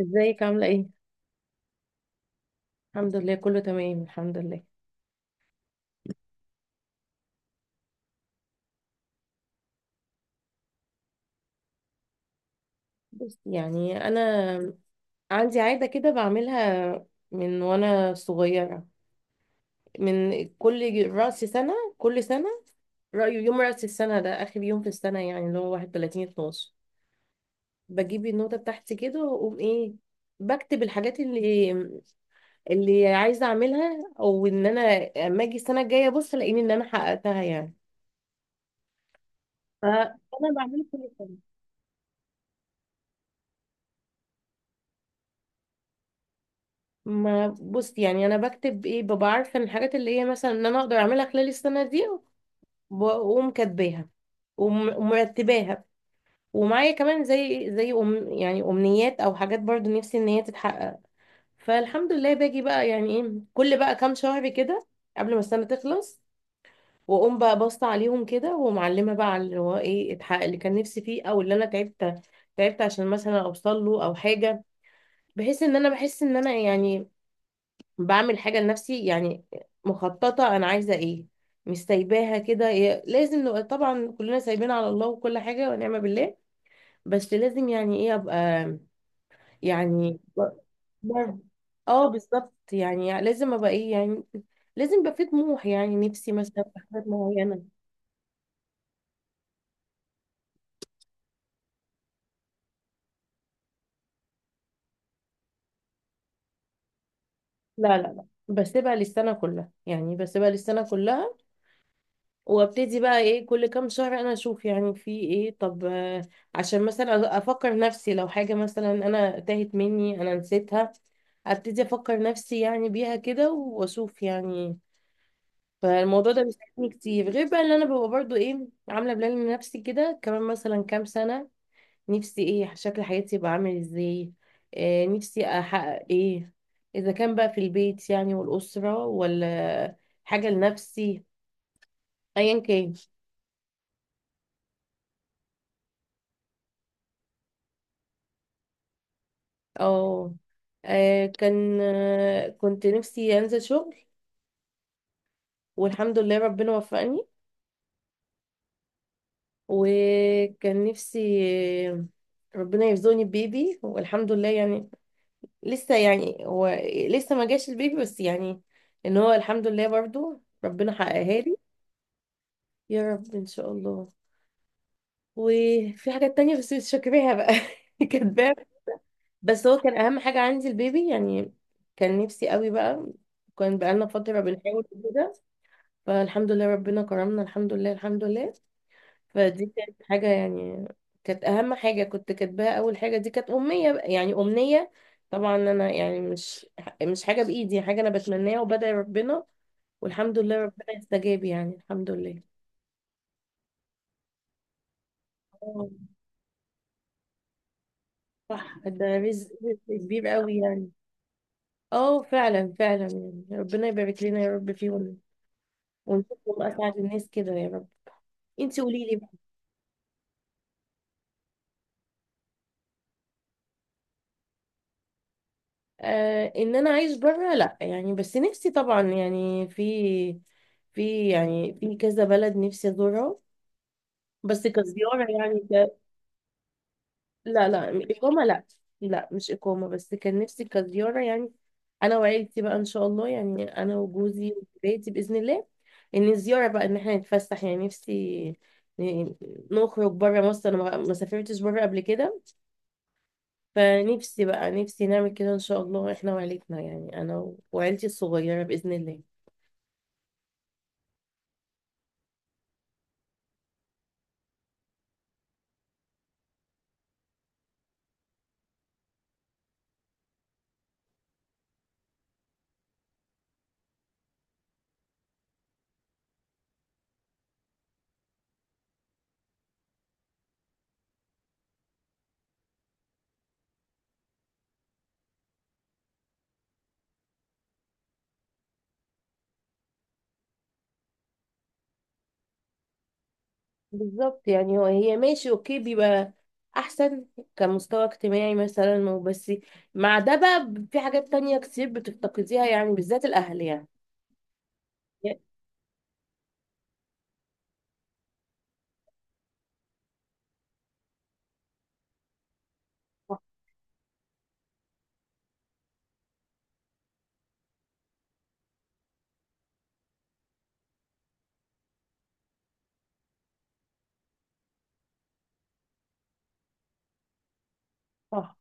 ازيك عاملة ايه؟ الحمد لله كله تمام الحمد لله. بس يعني انا عندي عادة كده بعملها من وانا صغيرة، من كل رأس سنة، كل سنة رأيه يوم رأس السنة ده آخر يوم في السنة، يعني اللي هو 31 12، بجيب النوتة بتاعتي كده وأقوم إيه، بكتب الحاجات اللي عايزة أعملها، أو إن أنا أما أجي السنة الجاية أبص ألاقيني إن أنا حققتها يعني. فأنا بعمل كل سنة، ما بص يعني انا بكتب ايه، ببقى عارفه ان الحاجات اللي هي مثلا ان انا اقدر اعملها خلال السنه دي، واقوم كاتباها ومرتباها، ومعايا كمان زي زي أم يعني امنيات او حاجات برضو نفسي ان هي تتحقق. فالحمد لله باجي بقى يعني ايه كل بقى كام شهر كده، قبل ما السنه تخلص، واقوم بقى باصه عليهم كده ومعلمه بقى على اللي هو ايه اتحقق، اللي كان نفسي فيه او اللي انا تعبت عشان مثلا اوصل له او حاجه، بحيث ان انا بحس ان انا يعني بعمل حاجة لنفسي يعني، مخططة أنا عايزة إيه، مش سايباها كده. إيه لازم نبقى طبعا كلنا سايبين على الله وكل حاجة ونعم بالله، بس لازم يعني إيه أبقى، يعني ب- ب- اه بالظبط يعني لازم أبقى إيه يعني، لازم يبقى في طموح، يعني نفسي مثلا في حاجات معينة. لا لا لا، بسيبها للسنة كلها، يعني بسيبها للسنة كلها، وابتدي بقى ايه كل كام شهر انا اشوف يعني في ايه، طب آه، عشان مثلا افكر نفسي لو حاجة مثلا انا تاهت مني انا نسيتها، ابتدي افكر نفسي يعني بيها كده واشوف يعني. فالموضوع ده بيساعدني كتير، غير بقى اللي انا ببقى برضو ايه عاملة بلان لنفسي كده كمان مثلا كام سنة، نفسي ايه شكل حياتي يبقى عامل ازاي، آه نفسي احقق ايه، اذا كان بقى في البيت يعني والاسرة، ولا حاجة لنفسي، ايا كان. اه آه، كان آه، كنت نفسي انزل شغل، والحمد لله ربنا وفقني. وكان نفسي آه، ربنا يرزقني ببيبي، والحمد لله يعني لسه يعني هو لسه ما جاش البيبي، بس يعني ان هو الحمد لله برضو ربنا حققها لي. يا رب ان شاء الله. وفي حاجات تانية بس مش فاكراها بقى كاتباها. بس هو كان اهم حاجة عندي البيبي يعني، كان نفسي قوي بقى، كان بقالنا فترة بنحاول كده. فالحمد لله ربنا كرمنا، الحمد لله الحمد لله. فدي كانت حاجة يعني، كانت أهم حاجة كنت كاتباها، أول حاجة دي كانت أمنية بقى، يعني أمنية. طبعا أنا يعني مش حاجة بإيدي، حاجة أنا بتمناها وبدعي ربنا، والحمد لله ربنا استجاب يعني الحمد لله. آه، صح، ده رزق كبير قوي يعني. اه فعلا فعلا، يعني ربنا يبارك لنا يا رب فيهم، ونشوفهم أسعد الناس كده يا رب. انتي قولي لي. آه، ان انا عايش بره لا يعني، بس نفسي طبعا يعني في في كذا بلد نفسي ازورها، بس كزيارة يعني ك... لا لا، إقامة لا، لا مش إقامة، بس كان نفسي كزيارة يعني، أنا وعيلتي بقى إن شاء الله، يعني أنا وجوزي وبيتي بإذن الله، إن الزيارة بقى إن إحنا نتفسح يعني، نفسي ن- نخرج بره مصر، أنا ما سافرتش بره قبل كده، فنفسي بقى نفسي نعمل كده إن شاء الله إحنا وعيلتنا، يعني أنا وعيلتي الصغيرة بإذن الله. بالظبط يعني هو هي ماشي اوكي، بيبقى احسن كمستوى اجتماعي مثلا وبس، مع ده بقى في حاجات تانية كتير بتفتقديها، يعني بالذات الاهل يعني. صح صح.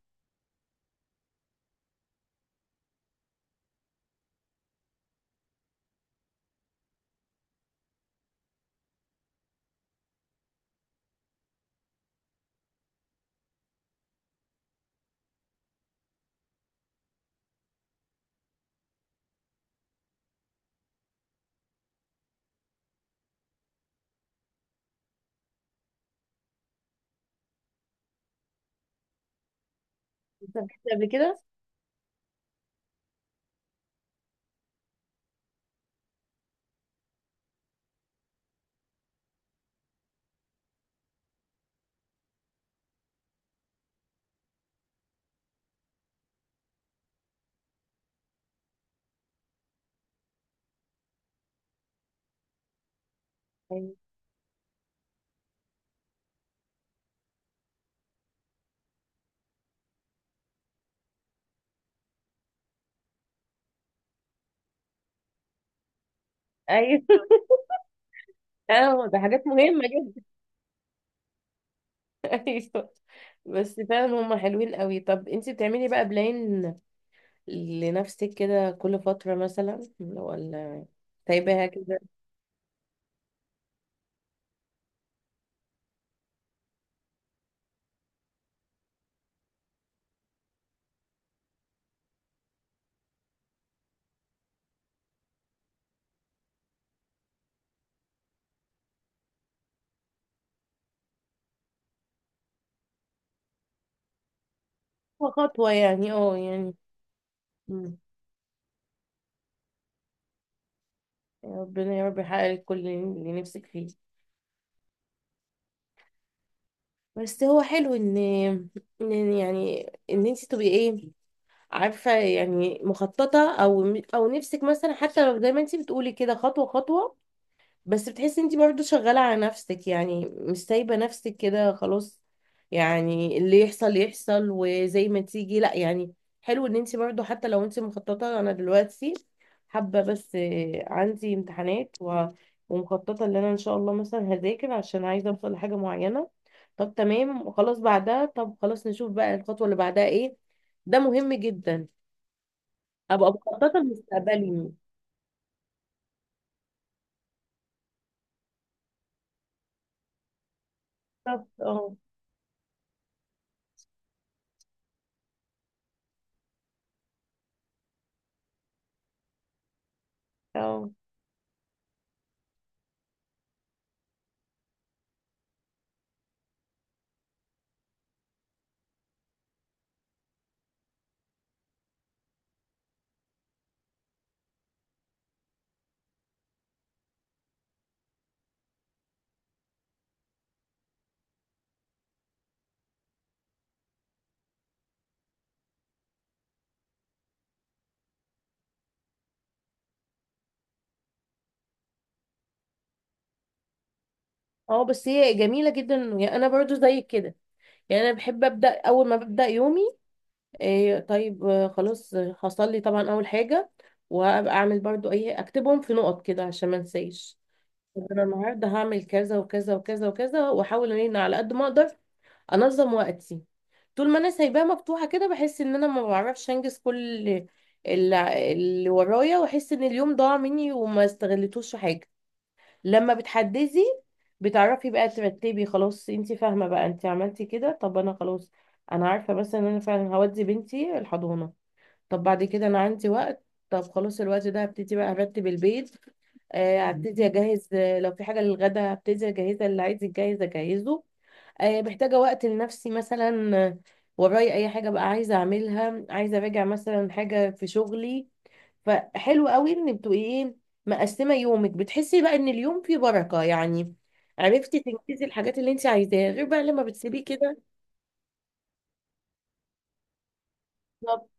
انت فاكرة قبل كده. ايوه ايوه أيوة، ده حاجات مهمة جدا. ايوه. بس فعلا هم حلوين قوي. طب انت بتعملي بقى بلان لنفسك كده كل فترة مثلا، ولا سايباها كده؟ خطوة خطوة يعني، اه يعني. مم. يا ربنا يا رب يحقق لك كل اللي نفسك فيه. بس هو حلو ان انت تبقي ايه، عارفه يعني مخططه او نفسك، مثلا حتى لو زي ما انت بتقولي كده خطوه خطوه، بس بتحسي انت برضو شغالة على نفسك، يعني مش سايبة نفسك كده خلاص يعني اللي يحصل يحصل وزي ما تيجي، لا يعني، حلو ان انت برضو حتى لو انت مخططة. انا دلوقتي حابة بس آه، عندي امتحانات ومخططة ان انا ان شاء الله مثلا هذاكر عشان عايزة اوصل لحاجة معينة، طب تمام وخلاص بعدها، طب خلاص نشوف بقى الخطوة اللي بعدها ايه، ده مهم جدا، ابقى مخططة لمستقبلي. بالظبط اه اه اه. بس هي جميلة جدا يعني، انا برضو زيك كده، يعني انا بحب ابدا اول ما ببدا يومي، إيه طيب آه، خلاص آه، هصلي طبعا اول حاجة، وابقى اعمل برضو ايه اكتبهم في نقط كده عشان ما انساش، طب انا النهارده هعمل كذا وكذا وكذا وكذا، واحاول ان انا على قد ما اقدر انظم وقتي. طول ما انا سايباها مفتوحة كده بحس ان انا ما بعرفش انجز كل اللي ورايا، واحس ان اليوم ضاع مني وما استغلتوش في حاجة. لما بتحددي بتعرفي بقى ترتبي، خلاص انت فاهمة بقى انت عملتي كده، طب انا خلاص انا عارفة مثلا ان انا فعلا هودي بنتي الحضانة، طب بعد كده انا عندي وقت، طب خلاص الوقت ده هبتدي بقى ارتب البيت، آه، هبتدي اجهز آه، لو في حاجة للغدا هبتدي اجهزها، اللي عايز يتجهز اجهزه، آه، محتاجة وقت لنفسي مثلا، آه، ورايا اي حاجة بقى عايزة اعملها، عايزة اراجع مثلا حاجة في شغلي، فحلو قوي ان بتبقي ايه مقسمه يومك، بتحسي بقى ان اليوم فيه بركه يعني، عرفتي تنجزي الحاجات اللي انت عايزاها، غير بقى لما بتسيبيه كده. بالظبط.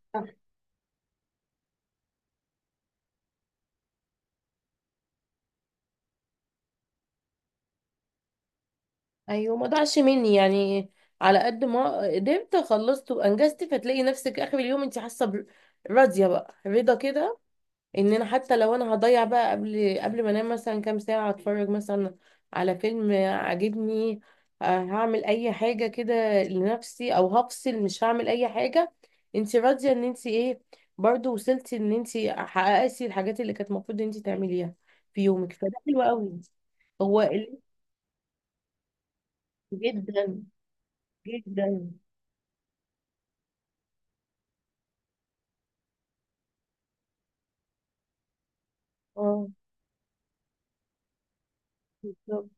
ايوه ما ضاعش مني يعني، على قد ما قدرت خلصت وانجزت، فتلاقي نفسك اخر اليوم انت حاسه راضيه بقى رضا كده، ان انا حتى لو انا هضيع بقى قبل ما انام مثلا كام ساعة اتفرج مثلا على فيلم عاجبني، آه، هعمل اي حاجة كده لنفسي او هفصل مش هعمل اي حاجة، انت راضية ان انت ايه برضو وصلتي ان انت حققتي الحاجات اللي كانت المفروض ان انت تعمليها في يومك، فده حلو قوي. هو ال- جدا جدا. اه بالظبط.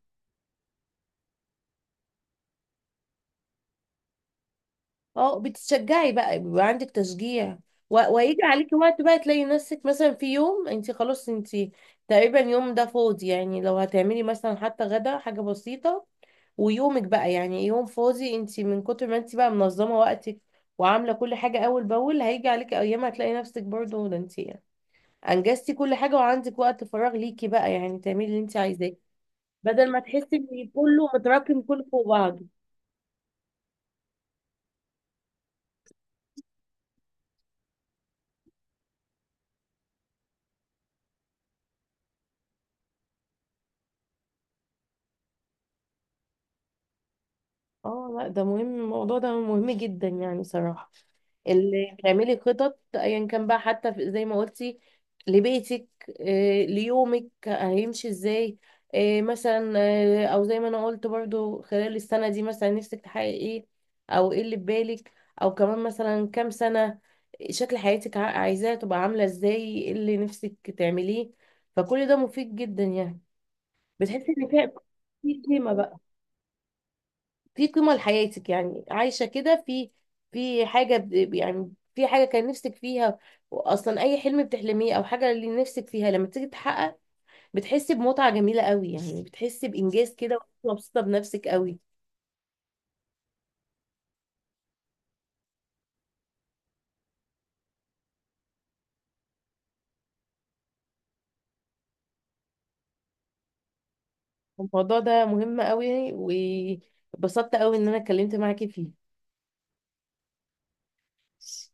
اه بتشجعي بقى، بيبقى عندك تشجيع، ويجي عليكي وقت بقى تلاقي نفسك مثلا في يوم انت خلاص انت تقريبا يوم ده فاضي، يعني لو هتعملي مثلا حتى غدا حاجة بسيطة، ويومك بقى يعني يوم فاضي، انت من كتر ما انت بقى منظمة وقتك وعاملة كل حاجة أول بأول، هيجي عليكي أيام هتلاقي نفسك برضه ده انت أنجزتي كل حاجة، وعندك وقت فراغ ليكي بقى يعني تعملي اللي انت عايزاه، بدل ما تحسي ان كله متراكم كله فوق بعضه. اه لا، ده مهم، الموضوع ده مهم جدا يعني صراحة، اللي بتعملي خطط ايا كان بقى، حتى زي ما قلتي لبيتك، آه، ليومك هيمشي ازاي، آه، مثلا، آه، او زي ما انا قلت برضو خلال السنة دي مثلا نفسك تحققي ايه، او ايه اللي في بالك، او كمان مثلا كام سنة شكل حياتك عايزاها تبقى عاملة ازاي، ايه اللي نفسك تعمليه، فكل ده مفيد جدا يعني، بتحسي ان فيها في قيمة بقى، في قيمة لحياتك، يعني عايشة كده في في حاجة يعني في حاجة كان نفسك فيها أصلا، أي حلم بتحلميه أو حاجة اللي نفسك فيها لما تيجي تحقق بتحسي بمتعة جميلة قوي يعني، بتحسي بإنجاز كده وأنت مبسوطة بنفسك قوي. الموضوع ده مهم قوي، واتبسطت قوي إن أنا اتكلمت معاكي فيه.